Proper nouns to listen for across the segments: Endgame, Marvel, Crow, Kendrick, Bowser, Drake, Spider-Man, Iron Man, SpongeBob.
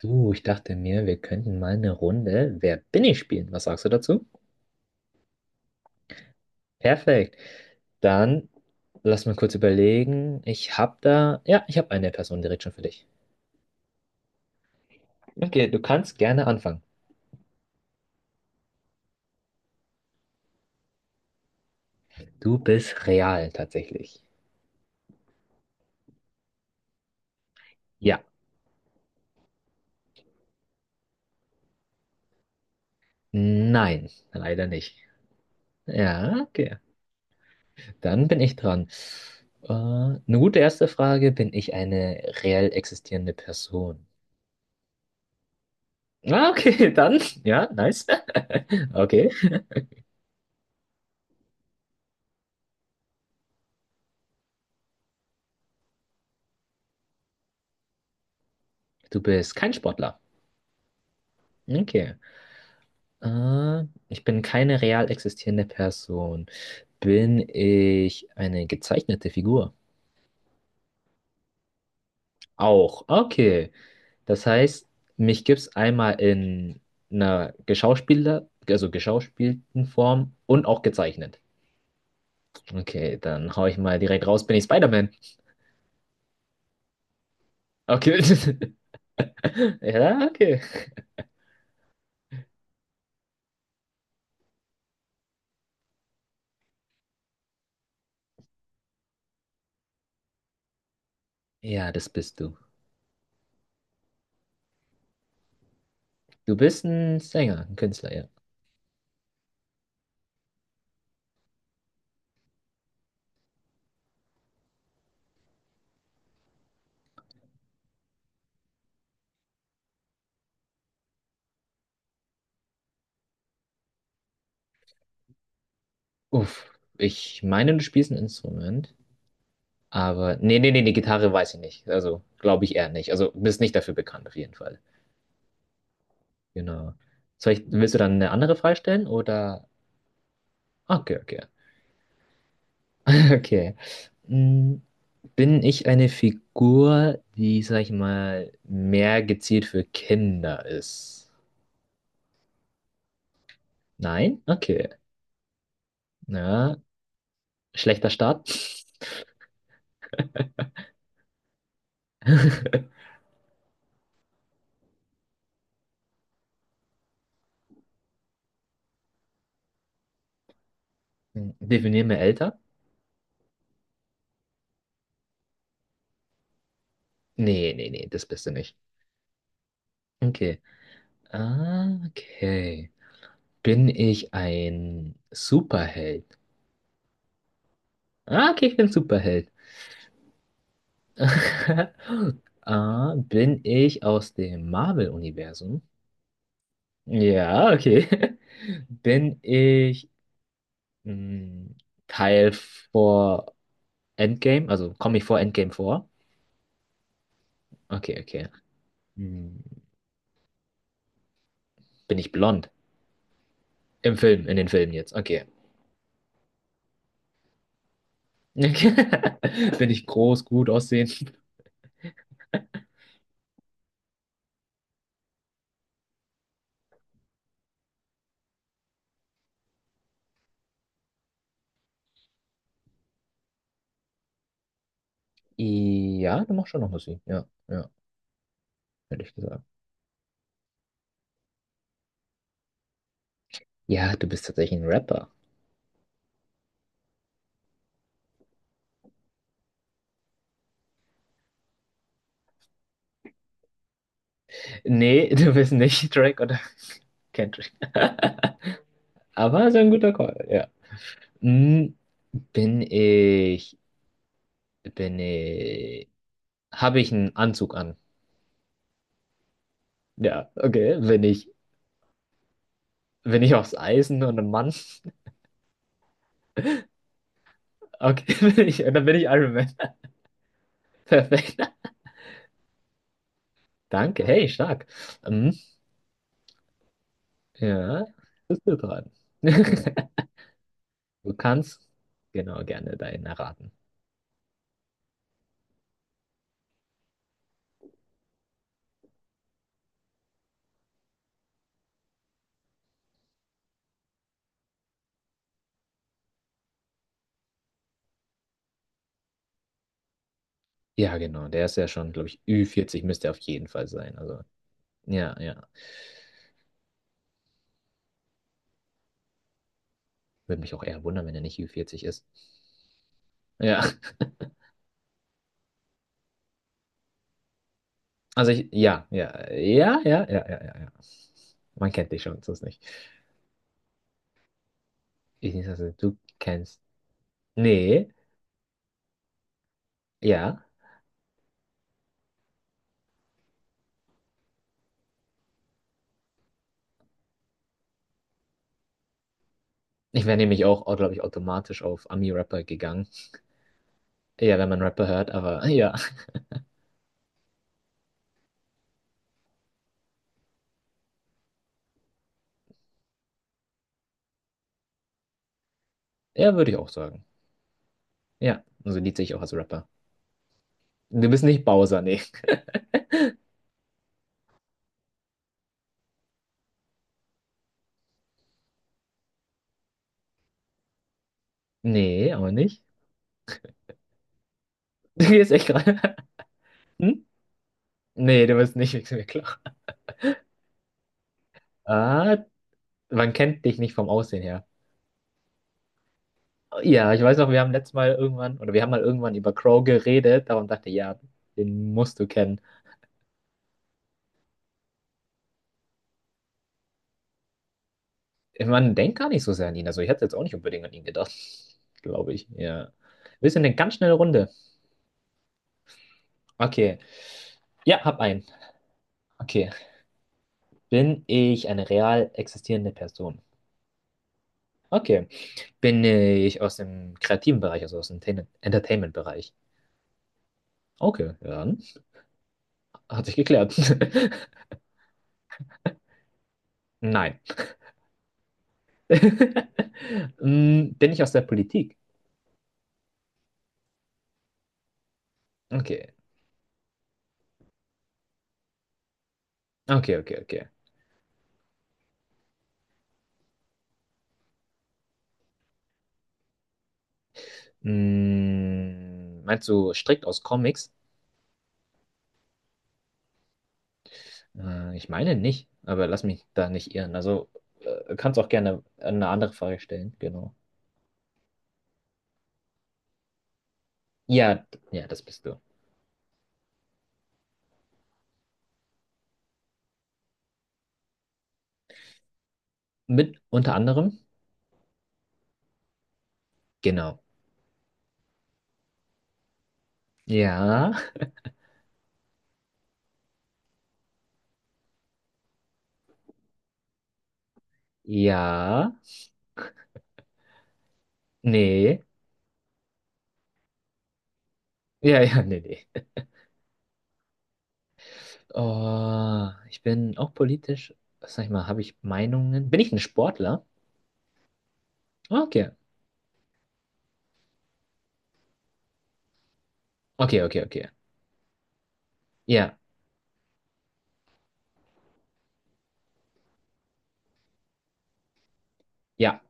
Du, ich dachte mir, wir könnten mal eine Runde Wer bin ich spielen. Was sagst du dazu? Perfekt. Dann lass mal kurz überlegen. Ich habe da, ja, ich habe eine Person direkt schon für dich. Okay, du kannst gerne anfangen. Du bist real tatsächlich. Ja. Nein, leider nicht. Ja, okay. Dann bin ich dran. Eine gute erste Frage, bin ich eine reell existierende Person? Ah, okay, dann, ja, nice. Okay. Du bist kein Sportler. Okay. Ich bin keine real existierende Person. Bin ich eine gezeichnete Figur? Auch. Okay. Das heißt, mich gibt es einmal in einer geschauspieler, also geschauspielten Form und auch gezeichnet. Okay, dann hau ich mal direkt raus, bin ich Spider-Man. Okay. Ja, okay. Ja, das bist du. Du bist ein Sänger, ein Künstler, ja. Uff. Ich meine, du spielst ein Instrument. Aber nee, die Gitarre weiß ich nicht. Also glaube ich eher nicht. Also bist nicht dafür bekannt auf jeden Fall. Genau. Soll ich, willst du dann eine andere Frage stellen oder? Okay, okay. Okay. Mm, bin ich eine Figur, die, sag ich mal, mehr gezielt für Kinder ist? Nein? Okay. Ja, schlechter Start. Definier mir älter? Nee, das bist du nicht. Okay. Ah, okay. Bin ich ein Superheld? Ah, okay, ich bin Superheld. Ah, bin ich aus dem Marvel-Universum? Ja, okay. Bin ich mh, Teil vor Endgame? Also komme ich vor Endgame vor? Okay, okay. Hm, bin ich blond? Im Film, in den Filmen jetzt. Okay. Okay. Bin ich groß, gut aussehen? Ja, du machst schon noch Musik. Ja, ja, hätte ich gesagt. Ja, du bist tatsächlich ein Rapper. Nee, du bist nicht Drake oder Kendrick. Aber so ein guter Call, ja. Hm, Bin ich, bin ich, habe ich einen Anzug an? Ja, okay, bin ich aufs Eisen und ein Mann? Okay, bin ich, dann bin ich Iron Man. Perfekt. Danke, hey, stark. Hm, ja, bist du dran. Du kannst genau gerne deinen erraten. Ja, genau, der ist ja schon, glaube ich, Ü40 müsste er auf jeden Fall sein. Also, ja. Würde mich auch eher wundern, wenn er nicht Ü40 ist. Ja, also ich, ja. Man kennt dich schon, sonst nicht. Ich nicht, also du kennst. Nee, ja. Ich wäre nämlich auch, glaube ich, automatisch auf Ami-Rapper gegangen. Ja, wenn man Rapper hört, aber ja, ja, würde ich auch sagen. Ja, also Lied sehe ich auch als Rapper. Du bist nicht Bowser, nee. Nee, aber nicht. Du gehst echt gerade. Hm? Nee, du bist nicht, ist mir klar. Ah, man kennt dich nicht vom Aussehen her. Ja, ich weiß noch, wir haben letztes Mal irgendwann, oder wir haben mal irgendwann über Crow geredet, darum dachte ich, ja, den musst du kennen. Man denkt gar nicht so sehr an ihn, also ich hätte jetzt auch nicht unbedingt an ihn gedacht, glaube ich, ja. Wir sind eine ganz schnelle Runde. Okay, ja, hab einen. Okay, bin ich eine real existierende Person? Okay, bin ich aus dem kreativen Bereich, also aus dem Ten- Entertainment-Bereich? Okay, ja, dann hat sich geklärt. Nein. Mm, bin ich aus der Politik? Okay. Okay. Mm, meinst du strikt aus Comics? Ich meine nicht, aber lass mich da nicht irren. Also kannst auch gerne eine andere Frage stellen, genau. Ja, ja, das bist du. Mit unter anderem? Genau. Ja, ja, nee, ja, ja, nee, nee. Oh, ich bin auch politisch, was sag ich mal, habe ich Meinungen? Bin ich ein Sportler? Okay, okay. Ja, ja.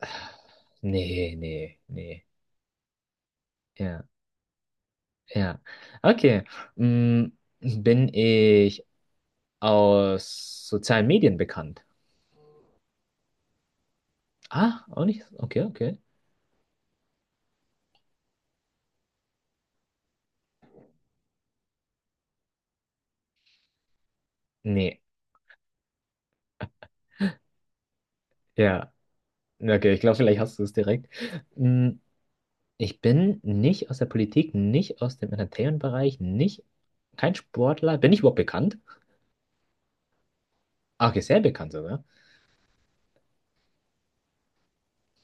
Ah, Nee. Ja. Ja, okay. Mm, bin ich aus sozialen Medien bekannt? Ah, auch nicht. Okay, okay. Nee, ja. Okay, ich glaube, vielleicht hast du es direkt. Mm, ich bin nicht aus der Politik, nicht aus dem Entertainment-Bereich, nicht, kein Sportler. Bin ich überhaupt bekannt? Ah, okay, sehr bekannt sogar.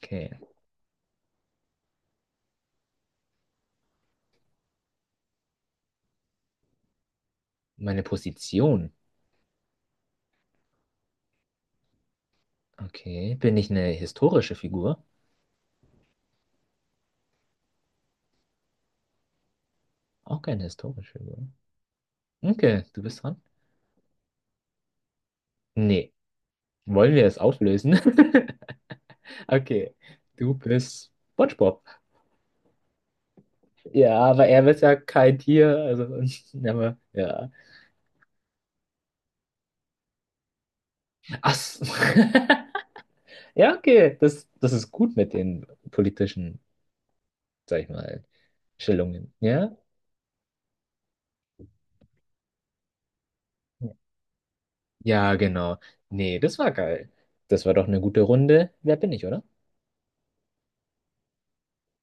Okay, meine Position. Okay, bin ich eine historische Figur? Auch keine historische Figur. Okay, du bist dran? Nee. Wollen wir es auflösen? Okay, du bist SpongeBob. Ja, aber er wird ja kein Tier, also aber, ja. Ach, so. ja, okay, das ist gut mit den politischen, sag ich mal, Stellungen, ja? Ja, genau. Nee, das war geil. Das war doch eine gute Runde. Wer bin ich, oder?